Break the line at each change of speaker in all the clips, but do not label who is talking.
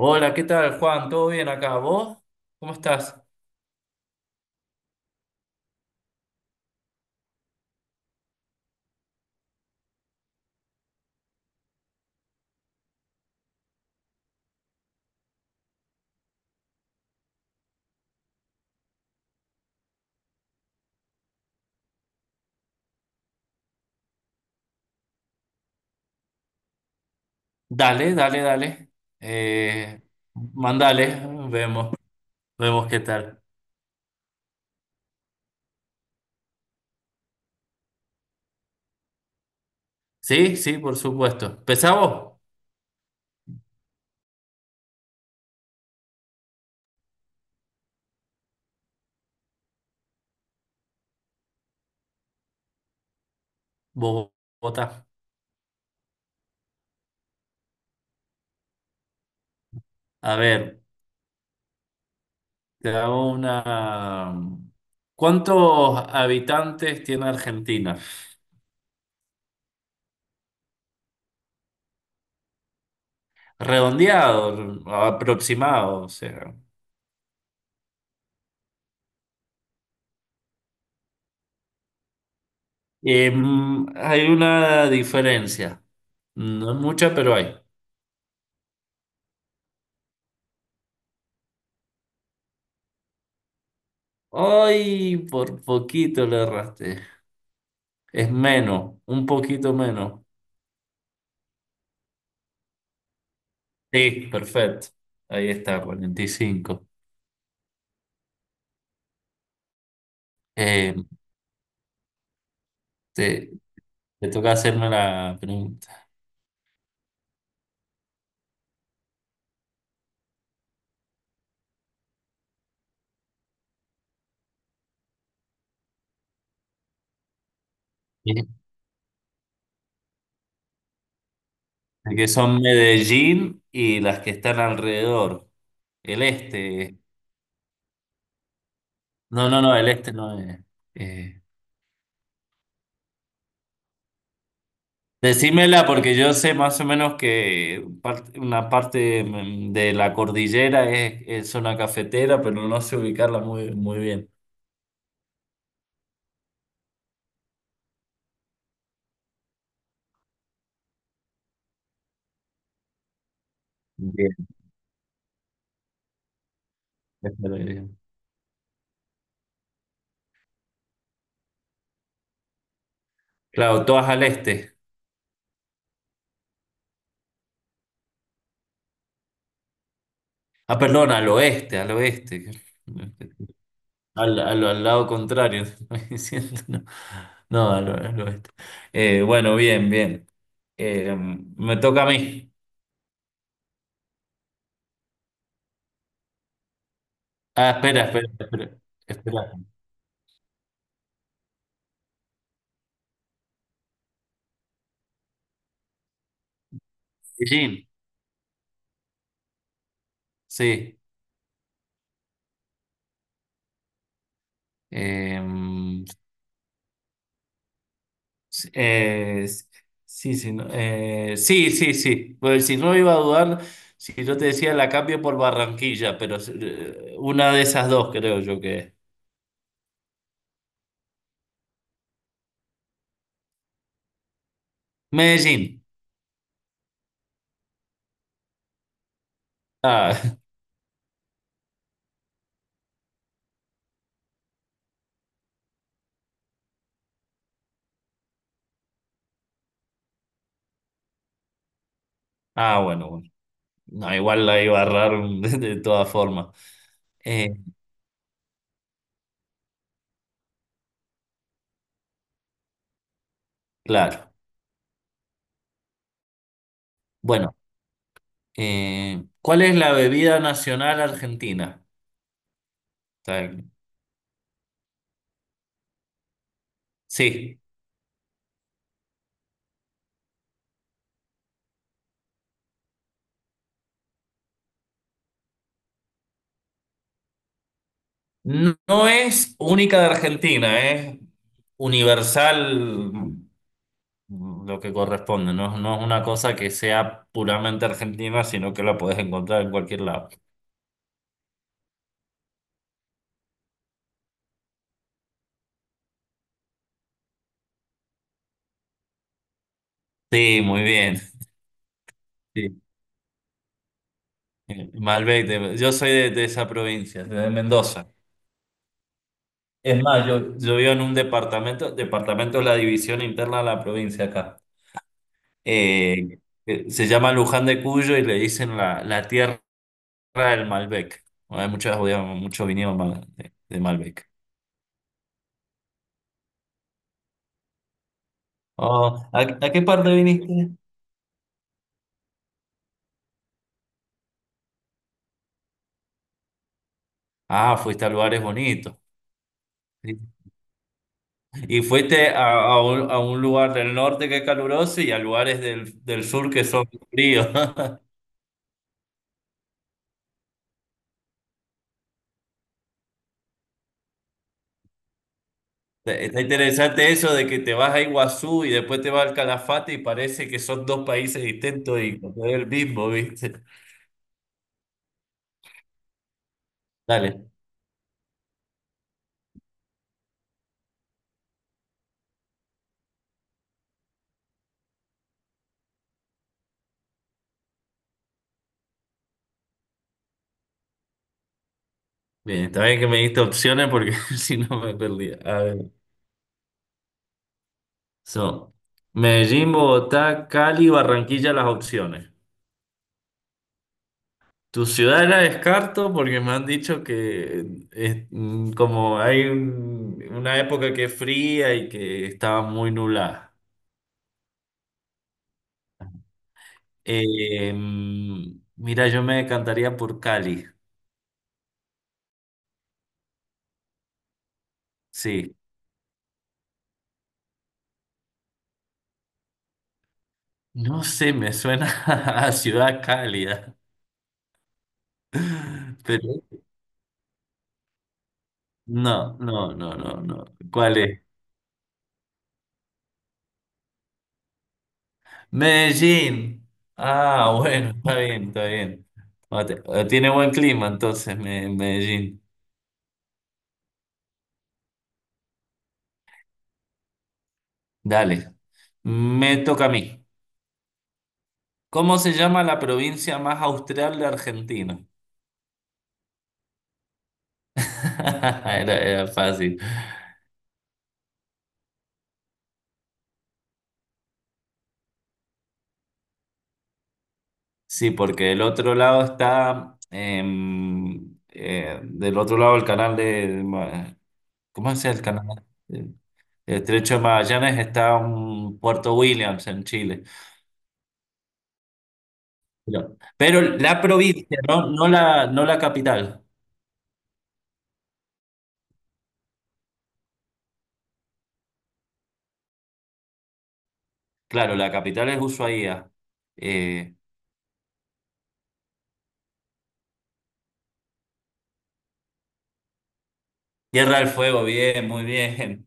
Hola, ¿qué tal, Juan? ¿Todo bien acá? ¿Vos? ¿Cómo estás? Dale, dale, dale. Eh, Mandale, vemos, vemos qué tal. Sí, sí, por supuesto. ¿Empezamos? Vos votá. A ver, te hago una... ¿Cuántos habitantes tiene Argentina? Redondeado, aproximado, o sea. Hay una diferencia. No es mucha, pero hay. Ay, por poquito le erraste. Es menos, un poquito menos. Sí, perfecto. Ahí está, 45. Eh, te, te toca hacerme la pregunta. Este, que son Medellín y las que están alrededor. El este. No, no, no, el este no es. Eh, Decímela porque yo sé más o menos que parte- una parte de la cordillera es zona cafetera, pero no sé ubicarla muy, muy bien. Este lo diría. Claro, todas al este. Ah, perdón, al oeste, al oeste. Al lado contrario, estoy diciendo, no. No, al, al oeste. Bueno, bien, bien. Me toca a mí. Ah, espera, espera, espera. Espera. Beijing, sí. Eh, s- eh, s- sí, sí, no, sí, sí, sí. Pues si no iba a dudar, si yo te decía la cambio por Barranquilla, pero una de esas dos creo yo que es. Medellín. Ah, ah, bueno, bueno. No, igual la iba a errar de todas formas. Eh, claro. Bueno, ¿cuál es la bebida nacional argentina? Está bien. Sí, no, no es única de Argentina, es universal lo que corresponde. No, no es una cosa que sea puramente argentina, sino que la puedes encontrar en cualquier lado. Sí, muy bien. Sí. Malbec, de- yo soy de esa provincia, de Mendoza. Es más, yo vivo en un departamento, departamento es la división interna de la provincia acá. Eh, Se llama Luján de Cuyo y le dicen la, la tierra del Malbec. Bueno, hay muchos, muchos viñedos mal- de Malbec. Oh, a qué parte viniste? Ah, fuiste a lugares bonitos. Sí. Y fuiste a un lugar del norte que es caluroso y a lugares del, del sur que son fríos. Está interesante eso de que te vas a Iguazú y después te vas al Calafate y parece que son dos países distintos y no es el mismo, ¿viste? Dale. Bien, está bien que me diste opciones porque si no me perdía. A ver. Son Medellín, Bogotá, Cali, Barranquilla, las opciones. Tu ciudad la descarto porque me han dicho que es, mm, como hay un- una época que es fría y que estaba muy nublada. Mira, yo me decantaría por Cali. Sí, no sé, me suena a ciudad cálida. Pero no, no, no, no, no. ¿Cuál es? Medellín. Ah, bueno, está bien, está bien. Ah, te- ah, tiene buen clima entonces, Me- Medellín. Dale. Me toca a mí. ¿Cómo se llama la provincia más austral de Argentina? Era, era fácil. Sí, porque del otro lado está, del otro lado del canal de, ¿cómo es el canal? El Estrecho de Magallanes está en Puerto Williams, en Chile. Pero la provincia, no, no la, no la capital. Claro, la capital es Ushuaia. Eh, Tierra del Fuego, bien, muy bien.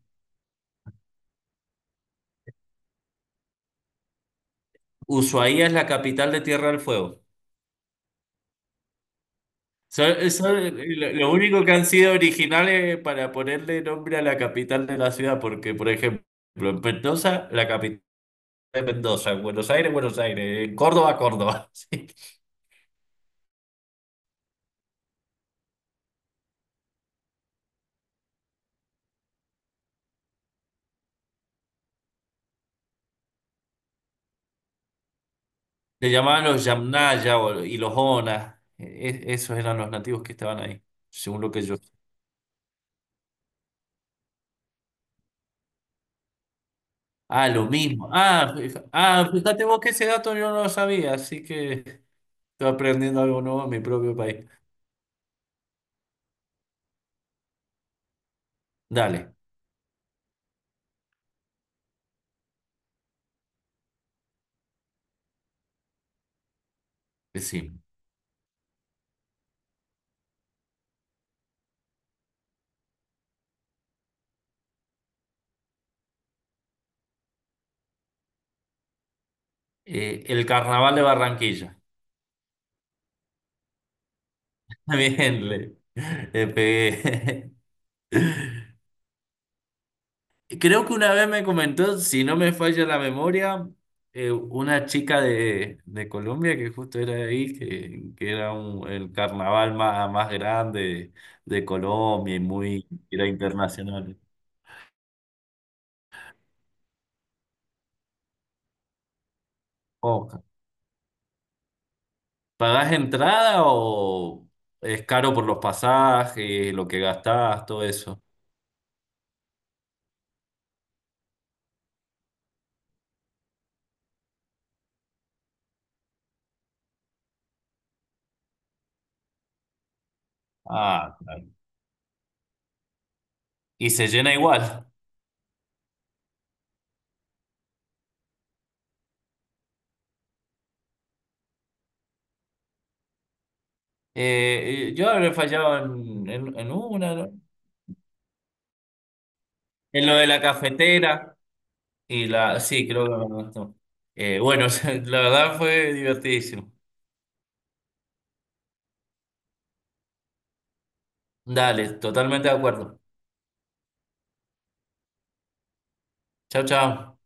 Ushuaia es la capital de Tierra del Fuego. Son lo único que han sido originales para ponerle nombre a la capital de la ciudad, porque, por ejemplo, en Mendoza, la capital es Mendoza, en Buenos Aires, Buenos Aires, en Córdoba, Córdoba. Le llamaban los Yamnaya o- y los Ona. Esos eran los nativos que estaban ahí, según lo que yo. Sé. Ah, lo mismo. Ah, fija- ah, fíjate vos que ese dato yo no lo sabía, así que estoy aprendiendo algo nuevo en mi propio país. Dale, sí. El carnaval de Barranquilla. Bien, le pegué. Creo que una vez me comentó, si no me falla la memoria, una chica de Colombia que justo era de ahí, que era un- el carnaval más, más grande de Colombia y muy, era internacional. Oh, ¿pagás entrada o es caro por los pasajes, lo que gastás, todo eso? Ah, claro. Y se llena igual. Yo habré fallado en una, ¿no? En lo de la cafetera. Y la, sí, creo que me gustó. Bueno, la verdad fue divertidísimo. Dale, totalmente de acuerdo. Chao, chao.